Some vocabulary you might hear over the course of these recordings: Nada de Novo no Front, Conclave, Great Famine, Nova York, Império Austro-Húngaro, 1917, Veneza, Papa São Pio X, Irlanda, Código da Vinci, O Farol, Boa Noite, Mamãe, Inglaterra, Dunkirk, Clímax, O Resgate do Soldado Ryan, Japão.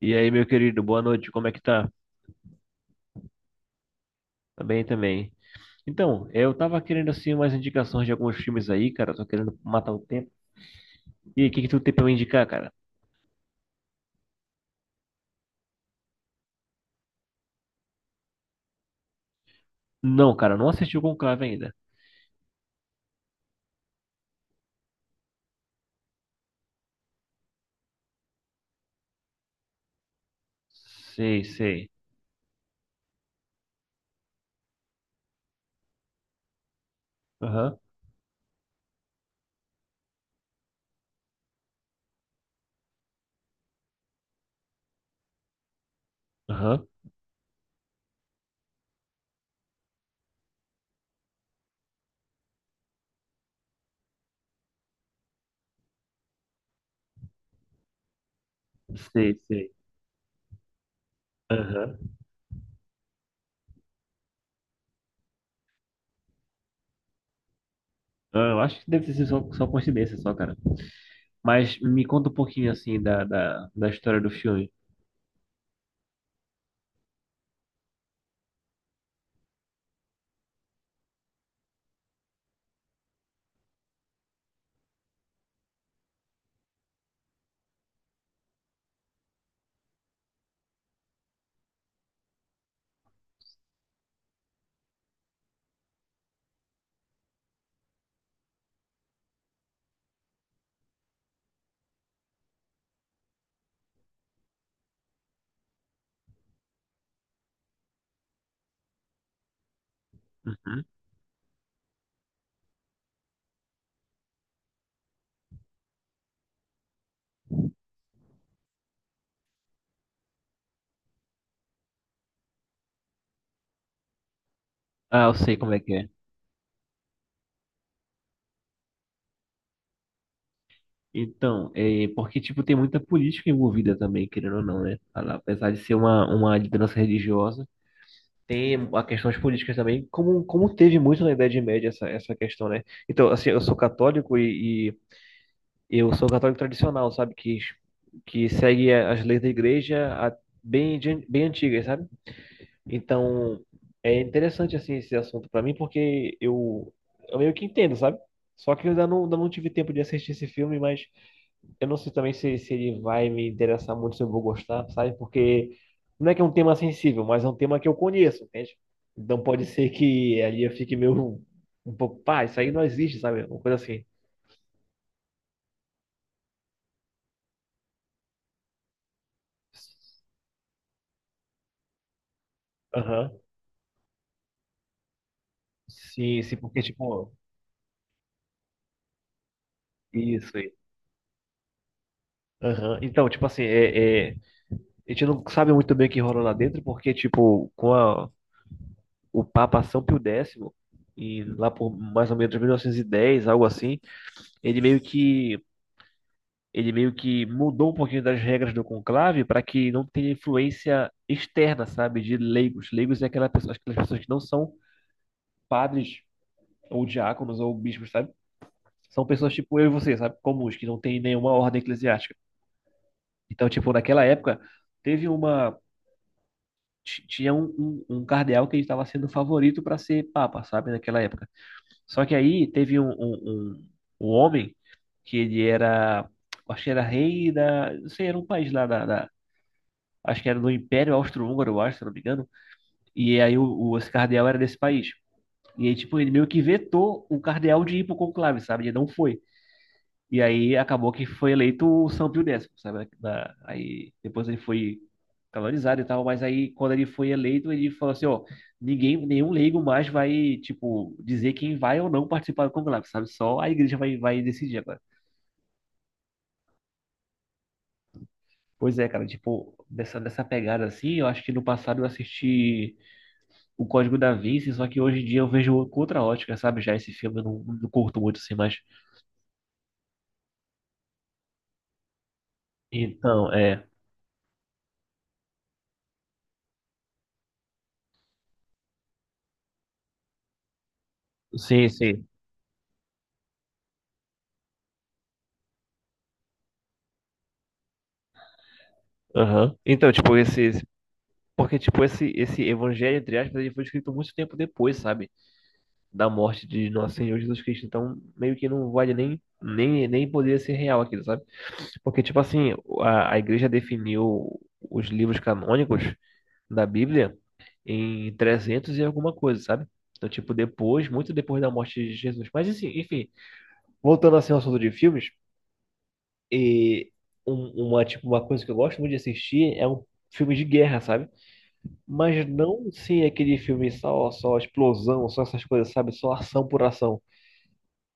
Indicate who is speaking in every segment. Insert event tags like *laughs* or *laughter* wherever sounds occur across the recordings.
Speaker 1: E aí, meu querido, boa noite, como é que tá? Tá bem também. Então, eu tava querendo assim umas indicações de alguns filmes aí, cara, tô querendo matar o tempo. E aí, o que que tu tem pra me indicar, cara? Não, cara, não assisti o Conclave ainda. Sei, sei. Aham, aham. Sei, sei. Aham. Ah, eu acho que deve ter sido só coincidência só, cara. Mas me conta um pouquinho assim da história do filme. Uhum. Ah, eu sei como é que é. Então, é porque, tipo, tem muita política envolvida também, querendo ou não, né? Apesar de ser uma liderança religiosa, tem a questões políticas também, como teve muito na Idade Média essa questão, né? Então, assim, eu sou católico e eu sou católico tradicional, sabe? Que segue as leis da igreja bem antigas, sabe? Então, é interessante, assim, esse assunto pra mim, porque eu meio que entendo, sabe? Só que eu ainda não tive tempo de assistir esse filme, mas eu não sei também se ele vai me interessar muito, se eu vou gostar, sabe? Porque não é que é um tema sensível, mas é um tema que eu conheço, entende? Então pode ser que ali eu fique meio um pouco, pá, isso aí não existe, sabe? Uma coisa assim. Aham. Sim, sim, porque, tipo, isso aí. Aham. Então, tipo assim, a gente não sabe muito bem o que rolou lá dentro, porque, tipo, o Papa São Pio X, e lá por mais ou menos 1910, algo assim, ele meio que Ele meio que mudou um pouquinho das regras do conclave para que não tenha influência externa, sabe, de leigos. Leigos é aquelas pessoas que não são padres ou diáconos ou bispos, sabe? São pessoas tipo eu e você, sabe? Comuns, que não tem nenhuma ordem eclesiástica. Então, tipo, naquela época, teve uma. Tinha um cardeal que ele estava sendo favorito para ser papa, sabe, naquela época. Só que aí teve um homem que ele era. Acho que era rei da. Não sei, era um país lá da, da acho que era do Império Austro-Húngaro, eu acho, se não me engano. E aí esse cardeal era desse país. E aí, tipo, ele meio que vetou o cardeal de ir pro conclave, sabe? Ele não foi. E aí acabou que foi eleito o São Pio X, sabe? Aí depois ele foi canonizado e tal, mas aí quando ele foi eleito, ele falou assim, ó, nenhum leigo mais vai, tipo, dizer quem vai ou não participar do conclave, sabe? Só a igreja vai decidir agora. Pois é, cara, tipo, dessa pegada assim, eu acho que no passado eu assisti o Código da Vinci, só que hoje em dia eu vejo com outra ótica, sabe? Já esse filme eu não curto muito assim, mas. Então, é. Sim, sim. Aham. Então, tipo, porque, tipo, esse evangelho, entre aspas, ele foi escrito muito tempo depois, sabe? Da morte de nosso Senhor Jesus Cristo. Então, meio que não vale nem poderia ser real aquilo, sabe? Porque, tipo assim, a igreja definiu os livros canônicos da Bíblia em 300 e alguma coisa, sabe? Então, tipo, depois, muito depois da morte de Jesus. Mas, assim, enfim, voltando assim ao assunto de filmes, e tipo, uma coisa que eu gosto muito de assistir é um filme de guerra, sabe? Mas não sim aquele filme só explosão, só essas coisas, sabe? Só ação por ação.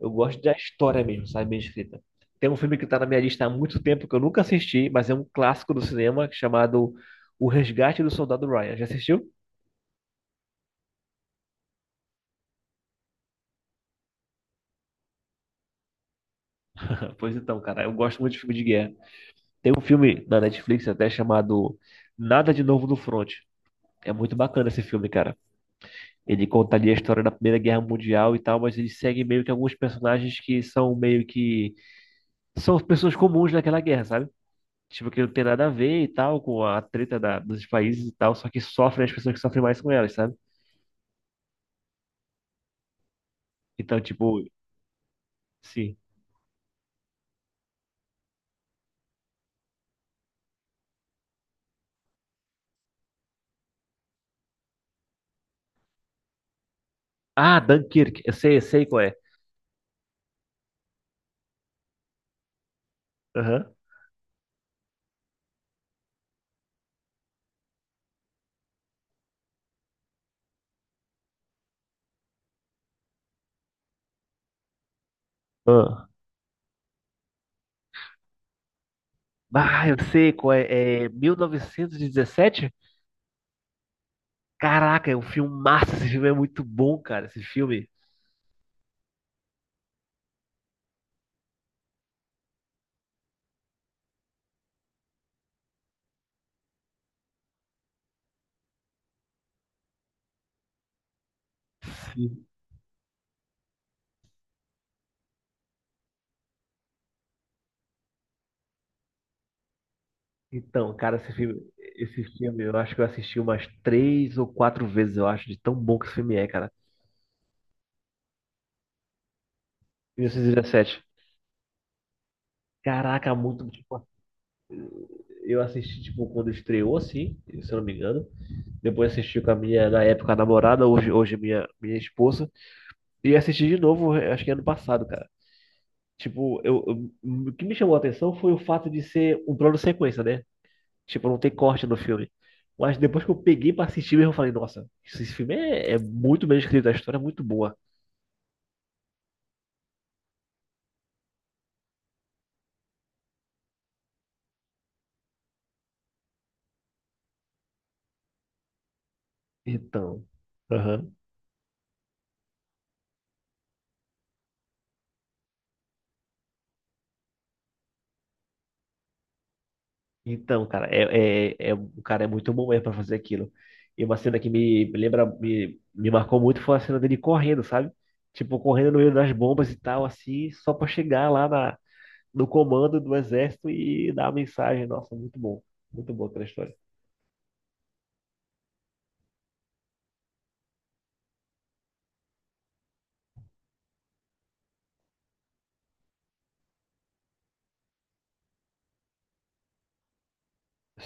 Speaker 1: Eu gosto da história mesmo, sabe? Bem escrita. Tem um filme que tá na minha lista há muito tempo que eu nunca assisti, mas é um clássico do cinema chamado O Resgate do Soldado Ryan. Já assistiu? *laughs* Pois então, cara, eu gosto muito de filme de guerra. Tem um filme na Netflix até chamado Nada de Novo no Front. É muito bacana esse filme, cara. Ele conta ali a história da Primeira Guerra Mundial e tal, mas ele segue meio que alguns personagens que são meio que. São pessoas comuns naquela guerra, sabe? Tipo, que não tem nada a ver e tal, com a treta dos países e tal, só que sofrem as pessoas que sofrem mais com elas, sabe? Então, tipo, sim. Ah, Dunkirk, eu sei qual é. Aham. Ah. Ah, eu sei qual é. É 1917. Caraca, é um filme massa, esse filme é muito bom, cara, esse filme. Então, cara, esse filme, eu acho que eu assisti umas três ou quatro vezes, eu acho, de tão bom que esse filme é, cara. 1917. Caraca, muito, tipo, eu assisti, tipo, quando estreou, assim, se eu não me engano. Depois assisti com a minha, na época, a namorada, hoje minha esposa. E assisti de novo, acho que ano passado, cara. Tipo, o que me chamou a atenção foi o fato de ser um plano sequência, né? Tipo, não tem corte no filme. Mas depois que eu peguei pra assistir mesmo, eu falei, nossa, esse filme é muito bem escrito, a história é muito boa. Então, aham. Então, cara, o cara é muito bom mesmo pra fazer aquilo. E uma cena que me marcou muito foi a cena dele correndo, sabe? Tipo, correndo no meio das bombas e tal, assim, só pra chegar lá no comando do exército e dar a mensagem. Nossa, muito bom. Muito boa aquela história.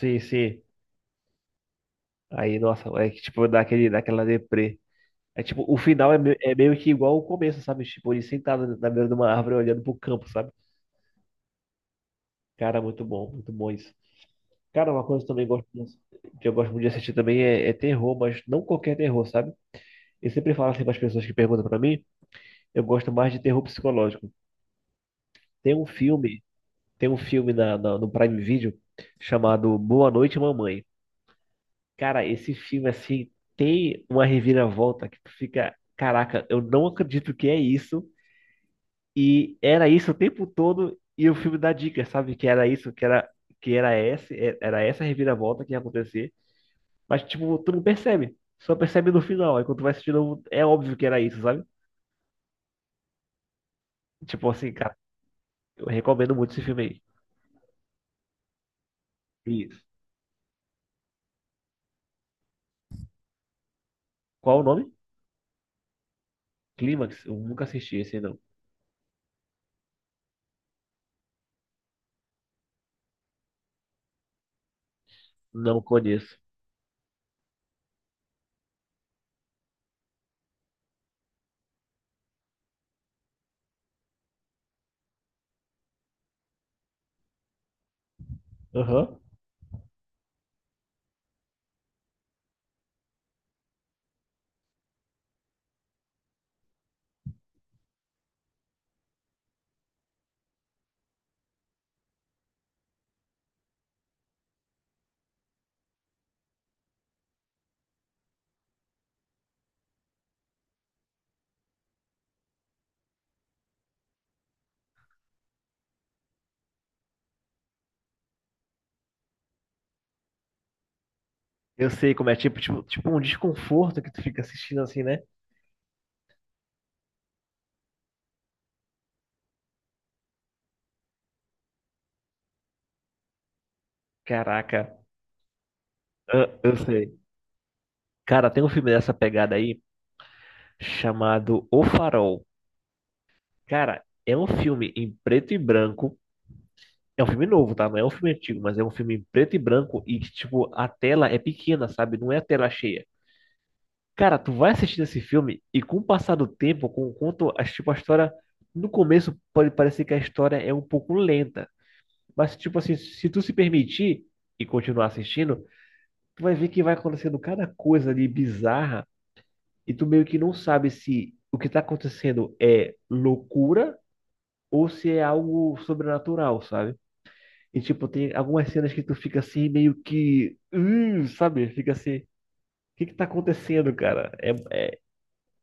Speaker 1: Sim, sim. Aí, nossa, é que, tipo, dá aquela deprê. É tipo, o final é meio que igual o começo, sabe? Tipo, ele sentado na beira de uma árvore olhando pro campo, sabe? Cara, muito bom isso. Cara, uma coisa que eu também gosto muito- que eu gosto muito de assistir também é terror, mas não qualquer terror, sabe? Eu sempre falo assim para as pessoas que perguntam para mim, eu gosto mais de terror psicológico. Tem um filme no Prime Video chamado Boa Noite, Mamãe. Cara, esse filme assim tem uma reviravolta que tu fica, caraca, eu não acredito que é isso e era isso o tempo todo e o filme dá dicas, sabe? Que era isso, que era esse, é, era essa reviravolta que ia acontecer. Mas, tipo, tu não percebe. Só percebe no final. Aí quando tu vai assistir de novo, é óbvio que era isso, sabe? Tipo assim, cara, eu recomendo muito esse filme aí. Isso. Qual o nome? Clímax? Eu nunca assisti esse aí, não. Não conheço. Aham. Eu sei como é, tipo um desconforto que tu fica assistindo assim, né? Caraca. Ah, eu sei. Cara, tem um filme dessa pegada aí chamado O Farol. Cara, é um filme em preto e branco. É um filme novo, tá? Não é um filme antigo, mas é um filme em preto e branco e que, tipo, a tela é pequena, sabe? Não é a tela cheia. Cara, tu vai assistindo esse filme e com o passar do tempo, com o quanto, as- tipo, a história. No começo pode parecer que a história é um pouco lenta, mas, tipo assim, se tu se permitir e continuar assistindo, tu vai ver que vai acontecendo cada coisa ali bizarra e tu meio que não sabe se o que tá acontecendo é loucura ou se é algo sobrenatural, sabe? E, tipo, tem algumas cenas que tu fica assim, meio que. Sabe? Fica assim. O que que tá acontecendo, cara? É,